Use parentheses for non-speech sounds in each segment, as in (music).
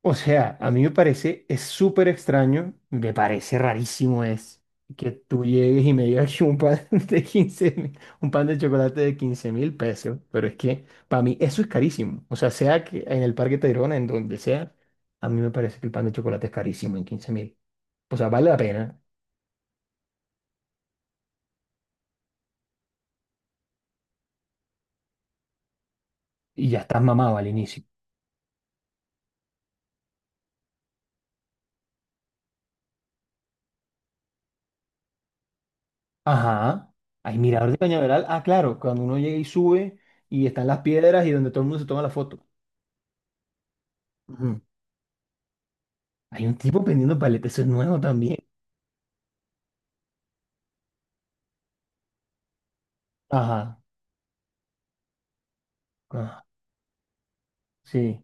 O sea, a mí me parece, es súper extraño, me parece rarísimo es que tú llegues y me digas que un pan (laughs) de 15.000, un pan de chocolate de 15.000 pesos, pero es que para mí eso es carísimo. O sea, sea que en el Parque Tayrona, en donde sea, a mí me parece que el pan de chocolate es carísimo en 15.000. O sea, vale la pena y ya estás mamado al inicio. Ajá, hay mirador de Cañaveral. Ah, claro, cuando uno llega y sube y están las piedras y donde todo el mundo se toma la foto. Ujú. Hay un tipo vendiendo paletas, eso es nuevo también. Ajá, ajá, sí.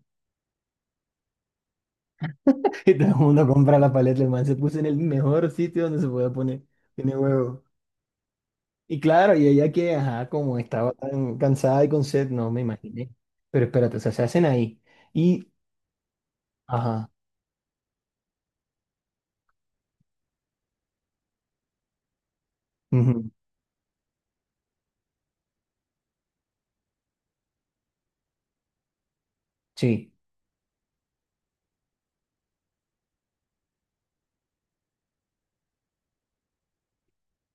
(laughs) Y todo el mundo compra la paleta, el man se puso en el mejor sitio donde se puede poner. Tiene huevo. Y claro, y ella que, ajá, como estaba tan cansada y con sed, no me imaginé. Pero espérate, o sea, se hacen ahí. Y, ajá, ujú, sí.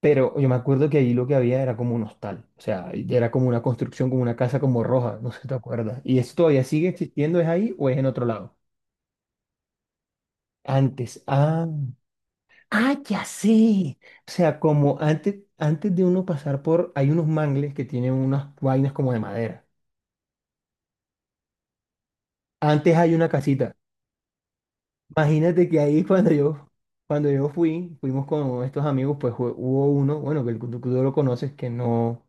Pero yo me acuerdo que ahí lo que había era como un hostal. O sea, era como una construcción, como una casa como roja, no sé si te acuerdas. ¿Y eso todavía sigue existiendo? ¿Es ahí o es en otro lado? Antes. Ah. Ah, ya sé. O sea, como antes, antes de uno pasar por, hay unos mangles que tienen unas vainas como de madera. Antes hay una casita. Imagínate que ahí (laughs) cuando yo fui, fuimos con estos amigos, pues hubo uno, bueno, que tú lo conoces, que no,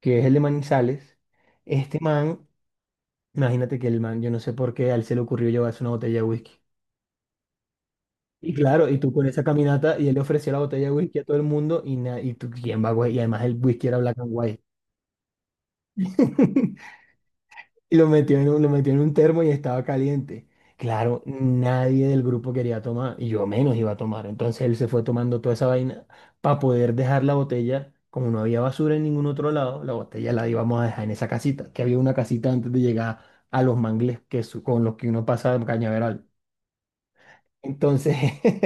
que es el de Manizales. Este man, imagínate que el man, yo no sé por qué, a él se le ocurrió llevarse una botella de whisky. Y claro, y tú con esa caminata, y él le ofreció la botella de whisky a todo el mundo, y, y tú, ¿quién va, güey? Y además el whisky era Black and White. (laughs) Y lo metió en un, lo metió en un termo y estaba caliente. Claro, nadie del grupo quería tomar, y yo menos iba a tomar. Entonces él se fue tomando toda esa vaina para poder dejar la botella. Como no había basura en ningún otro lado, la botella la íbamos a dejar en esa casita, que había una casita antes de llegar a los mangles que con los que uno pasa de Cañaveral. Entonces,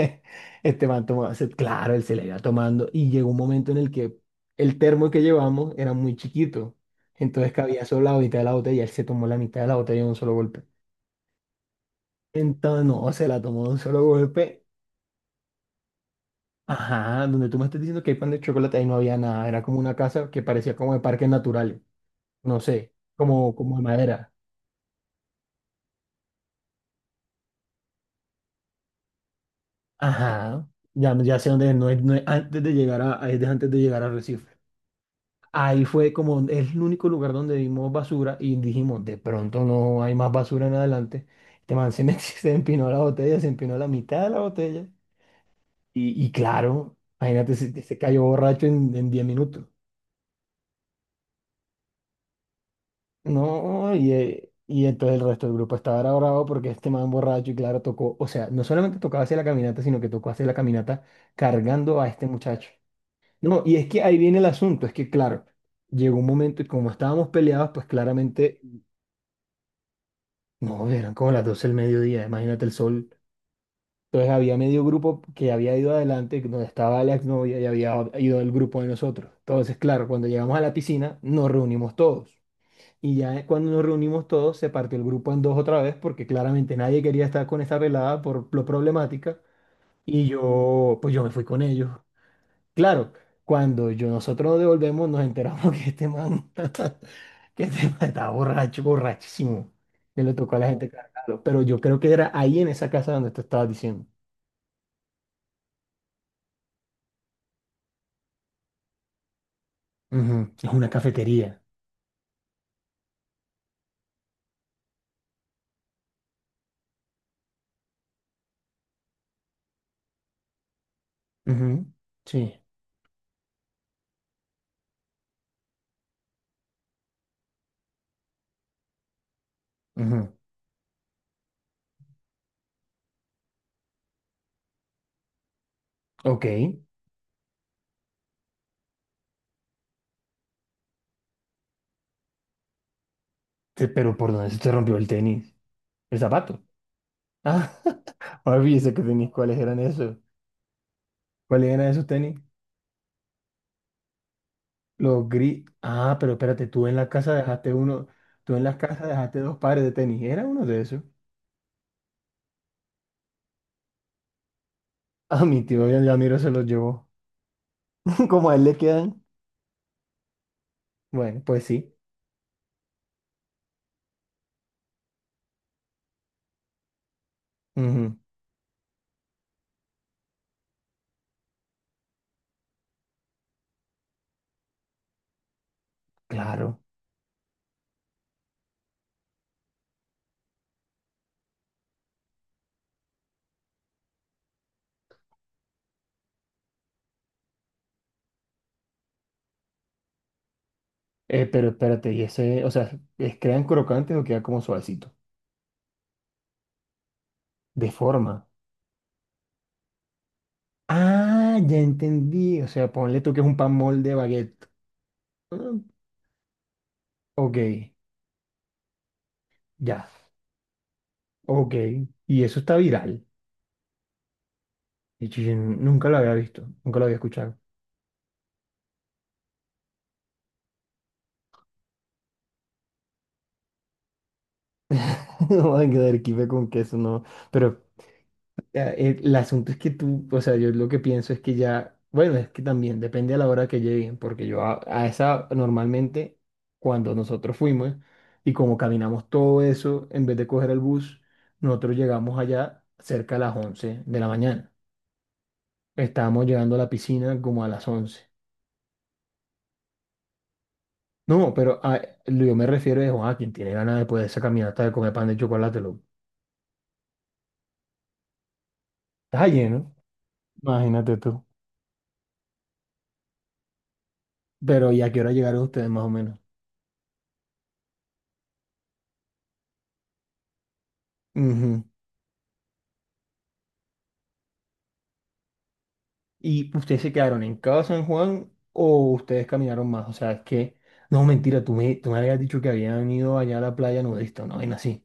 (laughs) este man tomaba, claro, él se la iba tomando y llegó un momento en el que el termo que llevamos era muy chiquito. Entonces cabía solo la mitad de la botella y él se tomó la mitad de la botella de un solo golpe. Entonces, no, se la tomó de un solo golpe. Ajá, donde tú me estás diciendo que hay pan de chocolate, ahí no había nada. Era como una casa que parecía como de parques naturales. No sé, como, como de madera. Ajá, ya, ya sé dónde es, no es, no es antes de llegar a, antes de llegar a Recife. Ahí fue como es el único lugar donde vimos basura y dijimos, de pronto no hay más basura en adelante. Este man (laughs) se empinó la botella, se empinó la mitad de la botella. Y claro, imagínate, se cayó borracho en 10 minutos. No, y entonces el resto del grupo estaba era bravo porque este man borracho y claro tocó, o sea, no solamente tocaba hacer la caminata, sino que tocó hacer la caminata cargando a este muchacho. No, y es que ahí viene el asunto, es que claro, llegó un momento y como estábamos peleados, pues claramente no, eran como las 12 del mediodía, imagínate el sol. Entonces había medio grupo que había ido adelante, donde estaba la exnovia y había ido el grupo de nosotros. Entonces, claro, cuando llegamos a la piscina, nos reunimos todos. Y ya cuando nos reunimos todos, se partió el grupo en dos otra vez, porque claramente nadie quería estar con esta pelada por lo problemática. Y yo, pues yo me fui con ellos. Claro, cuando yo, nosotros nos devolvemos, nos enteramos (laughs) que este man, (laughs) que este man estaba borracho, borrachísimo, que le tocó a la gente cargarlo. Pero yo creo que era ahí en esa casa donde tú estabas diciendo. Ujú. Es una cafetería. Ujú. Sí. Ujú. Ok. Pero ¿por dónde se te rompió el tenis? El zapato. Ah, (laughs) ahora fíjese que tenis, ¿cuáles eran esos? ¿Cuáles eran esos tenis? Los gris. Ah, pero espérate, tú en la casa dejaste uno, tú en la casa dejaste dos pares de tenis. ¿Era uno de esos? A mi tío Yamiro se los llevó. (laughs) Como a él le quedan. Bueno, pues sí. Ujú. Claro. Pero espérate, y ese, o sea, ¿es crean crocante o queda como suavecito? De forma. Ah, ya entendí. O sea, ponle tú que es un pan molde de baguette. Ah, ok, ya. Ok. Y eso está viral. Y yo nunca lo había visto, nunca lo había escuchado. (laughs) No van a quedar kife con queso, no. Pero el asunto es que tú, o sea, yo lo que pienso es que ya, bueno, es que también depende a la hora que lleguen, porque yo a esa normalmente, cuando nosotros fuimos y como caminamos todo eso, en vez de coger el bus, nosotros llegamos allá cerca a las 11 de la mañana. Estábamos llegando a la piscina como a las 11. No, pero lo yo me refiero es, a quien tiene ganas después de esa caminata de comer pan de chocolate, lo está lleno, imagínate tú. Pero ¿y a qué hora llegaron ustedes más o menos? Ujú. ¿Y ustedes se quedaron en cada San Juan o ustedes caminaron más? O sea, es que, no, mentira, tú me habías dicho que habían ido allá a la playa nudista, ¿no? Y así.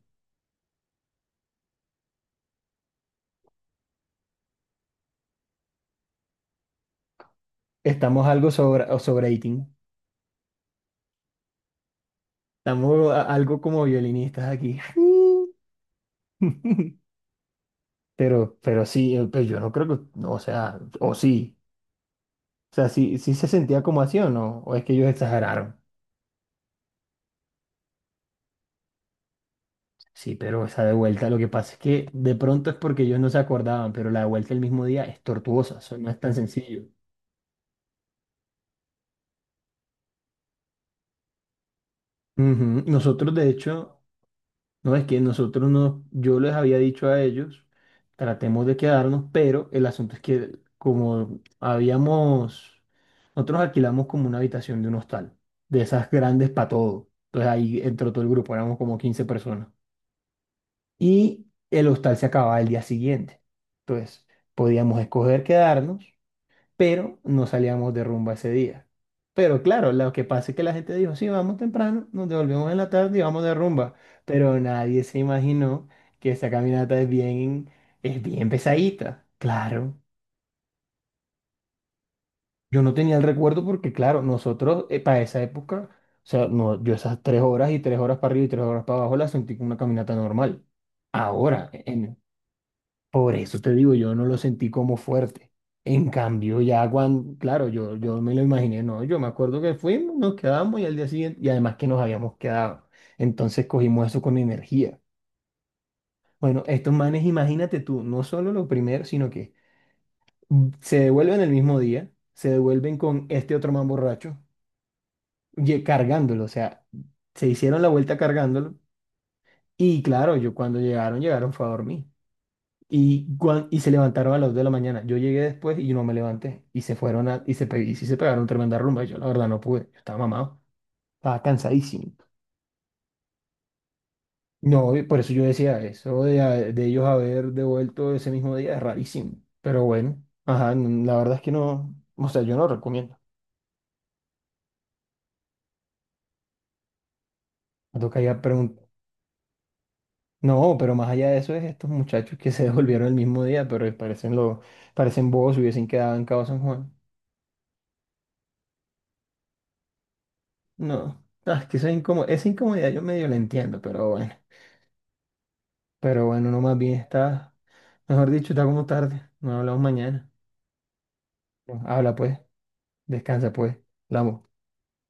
Estamos algo sobre, o sobreating. Estamos algo como violinistas aquí. (laughs) Pero sí, pues yo no creo que, no, o sea, o sí. O sea, sí, sí se sentía como así o no, o es que ellos exageraron. Sí, pero esa de vuelta, lo que pasa es que de pronto es porque ellos no se acordaban, pero la de vuelta el mismo día es tortuosa, eso no es tan sencillo. Ujú. Nosotros, de hecho, no es que nosotros no, yo les había dicho a ellos, tratemos de quedarnos, pero el asunto es que como habíamos, nosotros alquilamos como una habitación de un hostal, de esas grandes para todo. Entonces ahí entró todo el grupo, éramos como 15 personas. Y el hostal se acababa el día siguiente. Entonces podíamos escoger quedarnos pero no salíamos de rumba ese día. Pero claro, lo que pasa es que la gente dijo, sí, vamos temprano, nos devolvemos en la tarde y vamos de rumba. Pero nadie se imaginó que esa caminata es bien pesadita. Claro, yo no tenía el recuerdo porque, claro, nosotros para esa época, o sea, no, yo esas 3 horas y 3 horas para arriba y 3 horas para abajo las sentí como una caminata normal. Ahora, en, por eso te digo, yo no lo sentí como fuerte. En cambio, ya cuando, claro, yo me lo imaginé, no, yo me acuerdo que fuimos, nos quedamos y al día siguiente, y además que nos habíamos quedado. Entonces cogimos eso con energía. Bueno, estos manes, imagínate tú, no solo lo primero, sino que se devuelven el mismo día, se devuelven con este otro man borracho, cargándolo, o sea, se hicieron la vuelta cargándolo. Y claro, yo cuando llegaron, llegaron fue a dormir. Y, y se levantaron a las 2 de la mañana. Yo llegué después y no me levanté. Y se fueron a, y se, y sí se pegaron tremenda rumba. Y yo la verdad no pude. Yo estaba mamado. Estaba cansadísimo. No, y por eso yo decía eso de, de ellos haber devuelto ese mismo día es rarísimo. Pero bueno, ajá, la verdad es que no. O sea, yo no recomiendo. Me toca ya preguntar. No, pero más allá de eso es estos muchachos que se (laughs) devolvieron el mismo día, pero parecen lo parecen bobos, si hubiesen quedado en Cabo San Juan. No, ah, es que eso es incómodo. Esa incomodidad yo medio la entiendo, pero bueno. Pero bueno, no más bien está, mejor dicho, está como tarde. No hablamos mañana. Bueno, habla pues, descansa pues, hablamos.